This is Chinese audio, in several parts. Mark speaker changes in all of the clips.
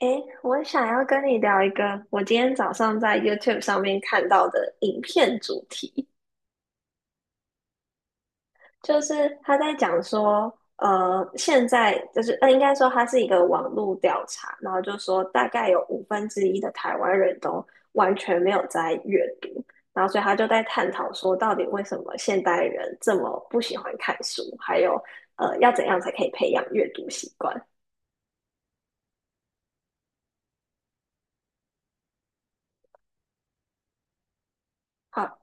Speaker 1: 诶，我想要跟你聊一个我今天早上在 YouTube 上面看到的影片主题。就是他在讲说，现在就是应该说它是一个网络调查，然后就说大概有五分之一的台湾人都完全没有在阅读。然后所以他就在探讨说，到底为什么现代人这么不喜欢看书，还有要怎样才可以培养阅读习惯？好，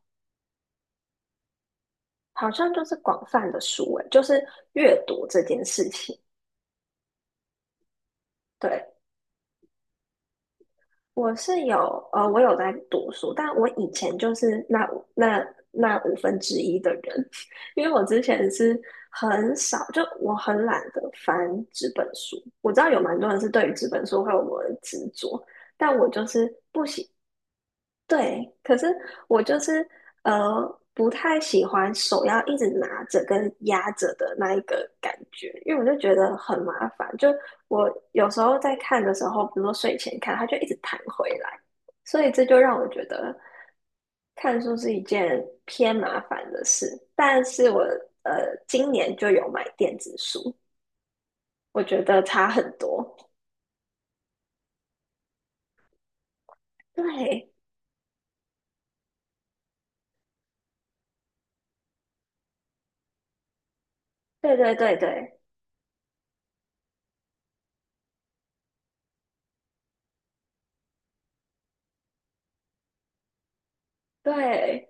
Speaker 1: 好像就是广泛的书诶，就是阅读这件事情。对，我是有，我有在读书，但我以前就是那五分之一的人，因为我之前是很少，就我很懒得翻纸本书。我知道有蛮多人是对于纸本书会有某种执着，但我就是不喜对，可是我就是不太喜欢手要一直拿着跟压着的那一个感觉，因为我就觉得很麻烦。就我有时候在看的时候，比如说睡前看，它就一直弹回来，所以这就让我觉得看书是一件偏麻烦的事。但是我今年就有买电子书，我觉得差很多。对，对对对对对。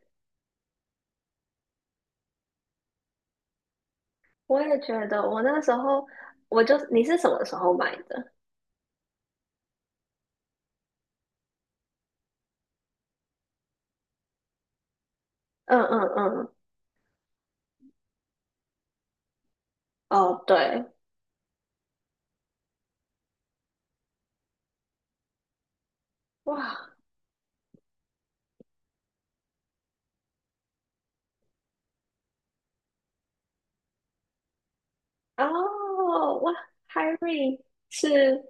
Speaker 1: 我也觉得，我那时候我就你是什么时候买的？嗯嗯嗯，哦对，哇，哦，哇，Harry 是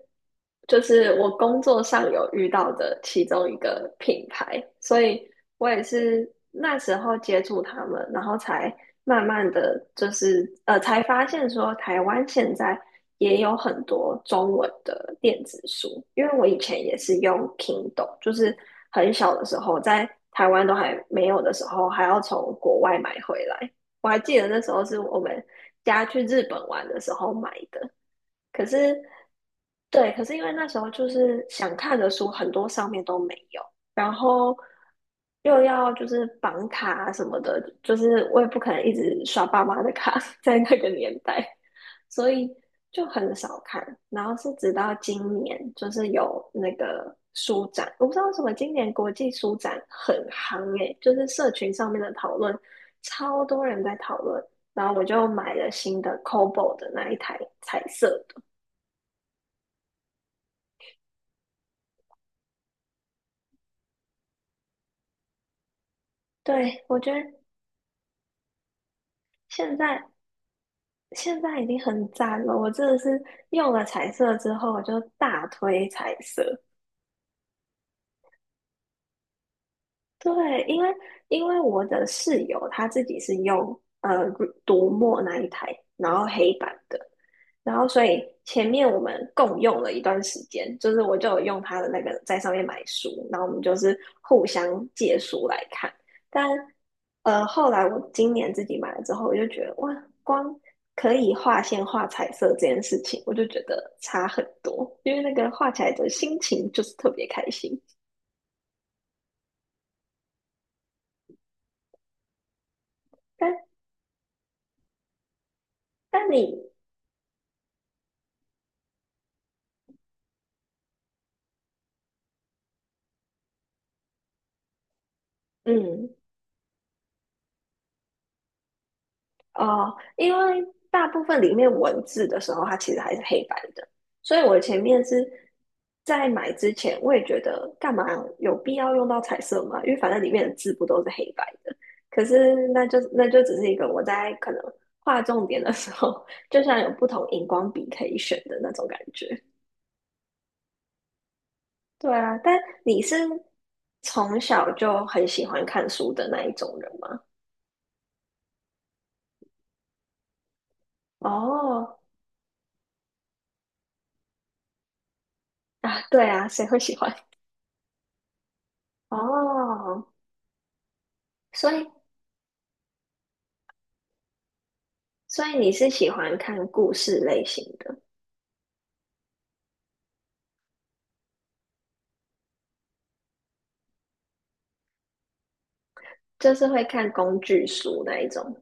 Speaker 1: 就是我工作上有遇到的其中一个品牌，所以我也是那时候接触他们，然后才慢慢的就是才发现说台湾现在也有很多中文的电子书，因为我以前也是用 Kindle，就是很小的时候在台湾都还没有的时候，还要从国外买回来。我还记得那时候是我们家去日本玩的时候买的。可是，对，可是因为那时候就是想看的书很多上面都没有，然后又要就是绑卡啊什么的，就是我也不可能一直刷爸妈的卡，在那个年代，所以就很少看。然后是直到今年，就是有那个书展，我不知道为什么今年国际书展很夯诶，就是社群上面的讨论，超多人在讨论。然后我就买了新的 c o b o 的那一台彩色对，我觉得现在现在已经很赞了。我真的是用了彩色之后，我就大推彩色。对，因为因为我的室友他自己是用读墨那一台，然后黑板的。然后所以前面我们共用了一段时间，就是我就有用他的那个在上面买书，然后我们就是互相借书来看。但后来我今年自己买了之后，我就觉得哇，光可以画线、画彩色这件事情，我就觉得差很多，因为那个画起来的心情就是特别开心。但但你，嗯，哦，因为大部分里面文字的时候，它其实还是黑白的，所以我前面是在买之前，我也觉得干嘛有必要用到彩色吗？因为反正里面的字不都是黑白的。可是那就只是一个我在可能画重点的时候，就像有不同荧光笔可以选的那种感觉。对啊，但你是从小就很喜欢看书的那一种人吗？哦，啊，对啊，谁会喜欢？哦，所以所以你是喜欢看故事类型的，就是会看工具书那一种。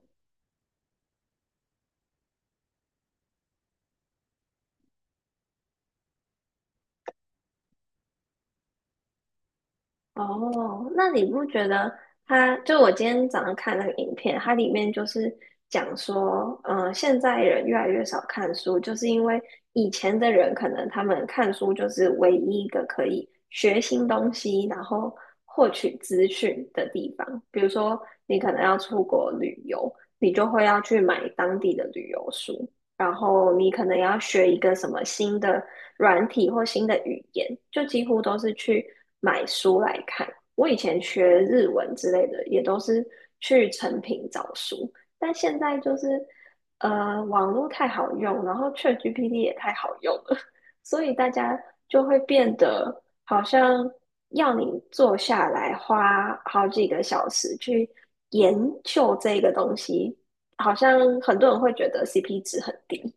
Speaker 1: 哦，那你不觉得他？就我今天早上看那个影片，它里面就是讲说，嗯、现在人越来越少看书，就是因为以前的人可能他们看书就是唯一一个可以学新东西，然后获取资讯的地方。比如说，你可能要出国旅游，你就会要去买当地的旅游书，然后你可能要学一个什么新的。软体或新的语言，就几乎都是去买书来看。我以前学日文之类的，也都是去成品找书，但现在就是网络太好用，然后 ChatGPT 也太好用了，所以大家就会变得好像要你坐下来花好几个小时去研究这个东西，好像很多人会觉得 CP 值很低。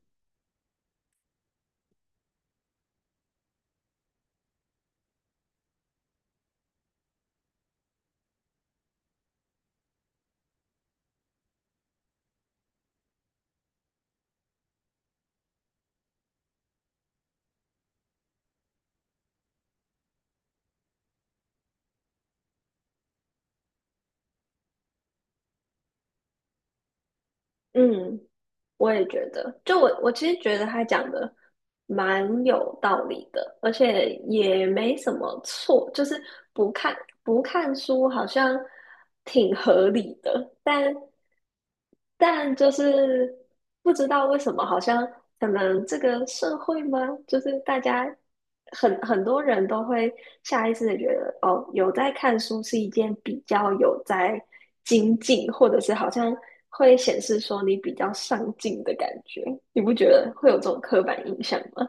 Speaker 1: 嗯，我也觉得，就我其实觉得他讲的蛮有道理的，而且也没什么错，就是不看不看书好像挺合理的，但。但就是不知道为什么，好像可能这个社会吗？就是大家很多人都会下意识的觉得，哦，有在看书是一件比较有在精进，或者是好像会显示说你比较上进的感觉。你不觉得会有这种刻板印象吗？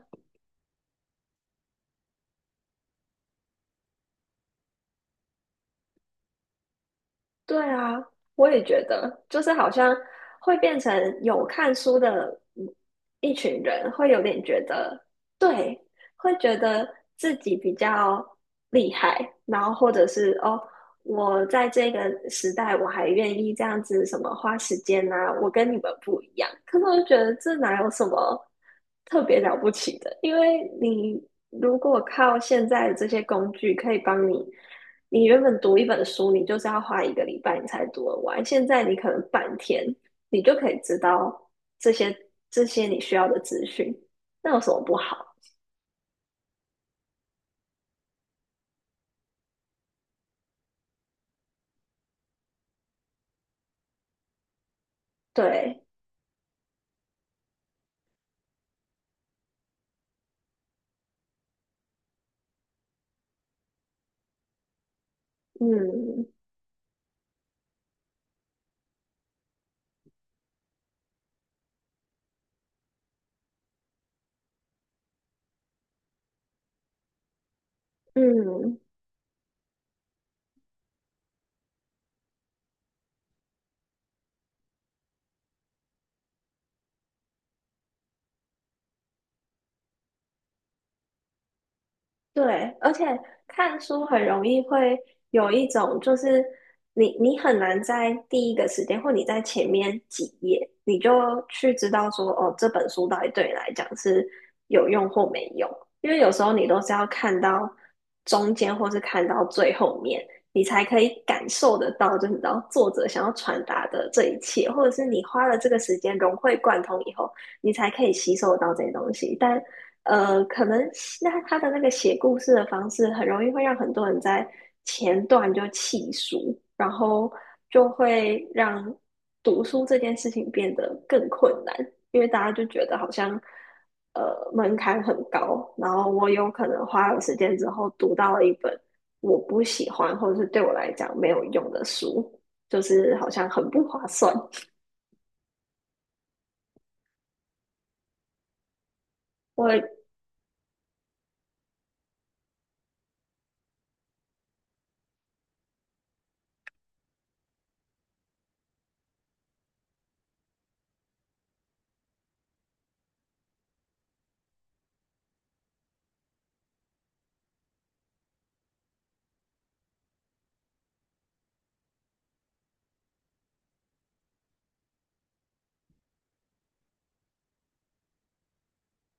Speaker 1: 对啊，我也觉得，就是好像会变成有看书的嗯一群人，会有点觉得，对，会觉得自己比较厉害，然后或者是哦，我在这个时代我还愿意这样子什么花时间啊，我跟你们不一样，可是我就觉得这哪有什么特别了不起的，因为你如果靠现在这些工具可以帮你。你原本读一本书，你就是要花一个礼拜你才读得完，现在你可能半天，你就可以知道这些这些你需要的资讯，那有什么不好？对，嗯嗯，对，而且看书很容易会有一种，就是你很难在第一个时间，或你在前面几页，你就去知道说，哦，这本书到底对你来讲是有用或没用。因为有时候你都是要看到中间，或是看到最后面，你才可以感受得到，就是你知道作者想要传达的这一切，或者是你花了这个时间融会贯通以后，你才可以吸收到这些东西。但可能那他的那个写故事的方式，很容易会让很多人在前段就弃书，然后就会让读书这件事情变得更困难，因为大家就觉得好像门槛很高，然后我有可能花了时间之后读到了一本我不喜欢或者是对我来讲没有用的书，就是好像很不划算。我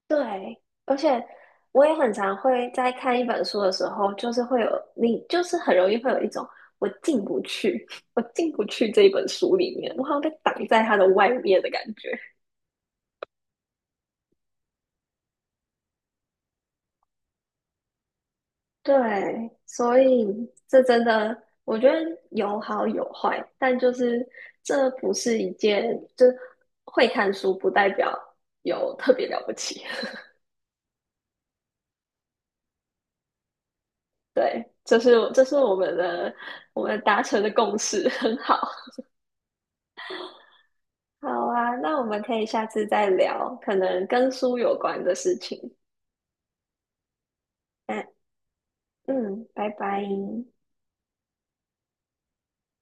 Speaker 1: 对，而且我也很常会在看一本书的时候，就是会有你，就是很容易会有一种我进不去，我进不去这一本书里面，我好像被挡在它的外面的感觉。对，所以这真的，我觉得有好有坏，但就是这不是一件，就是会看书不代表有特别了不起。对，这是我们的我们达成的共识，很好。好啊，那我们可以下次再聊，可能跟书有关的事情。嗯嗯，拜拜。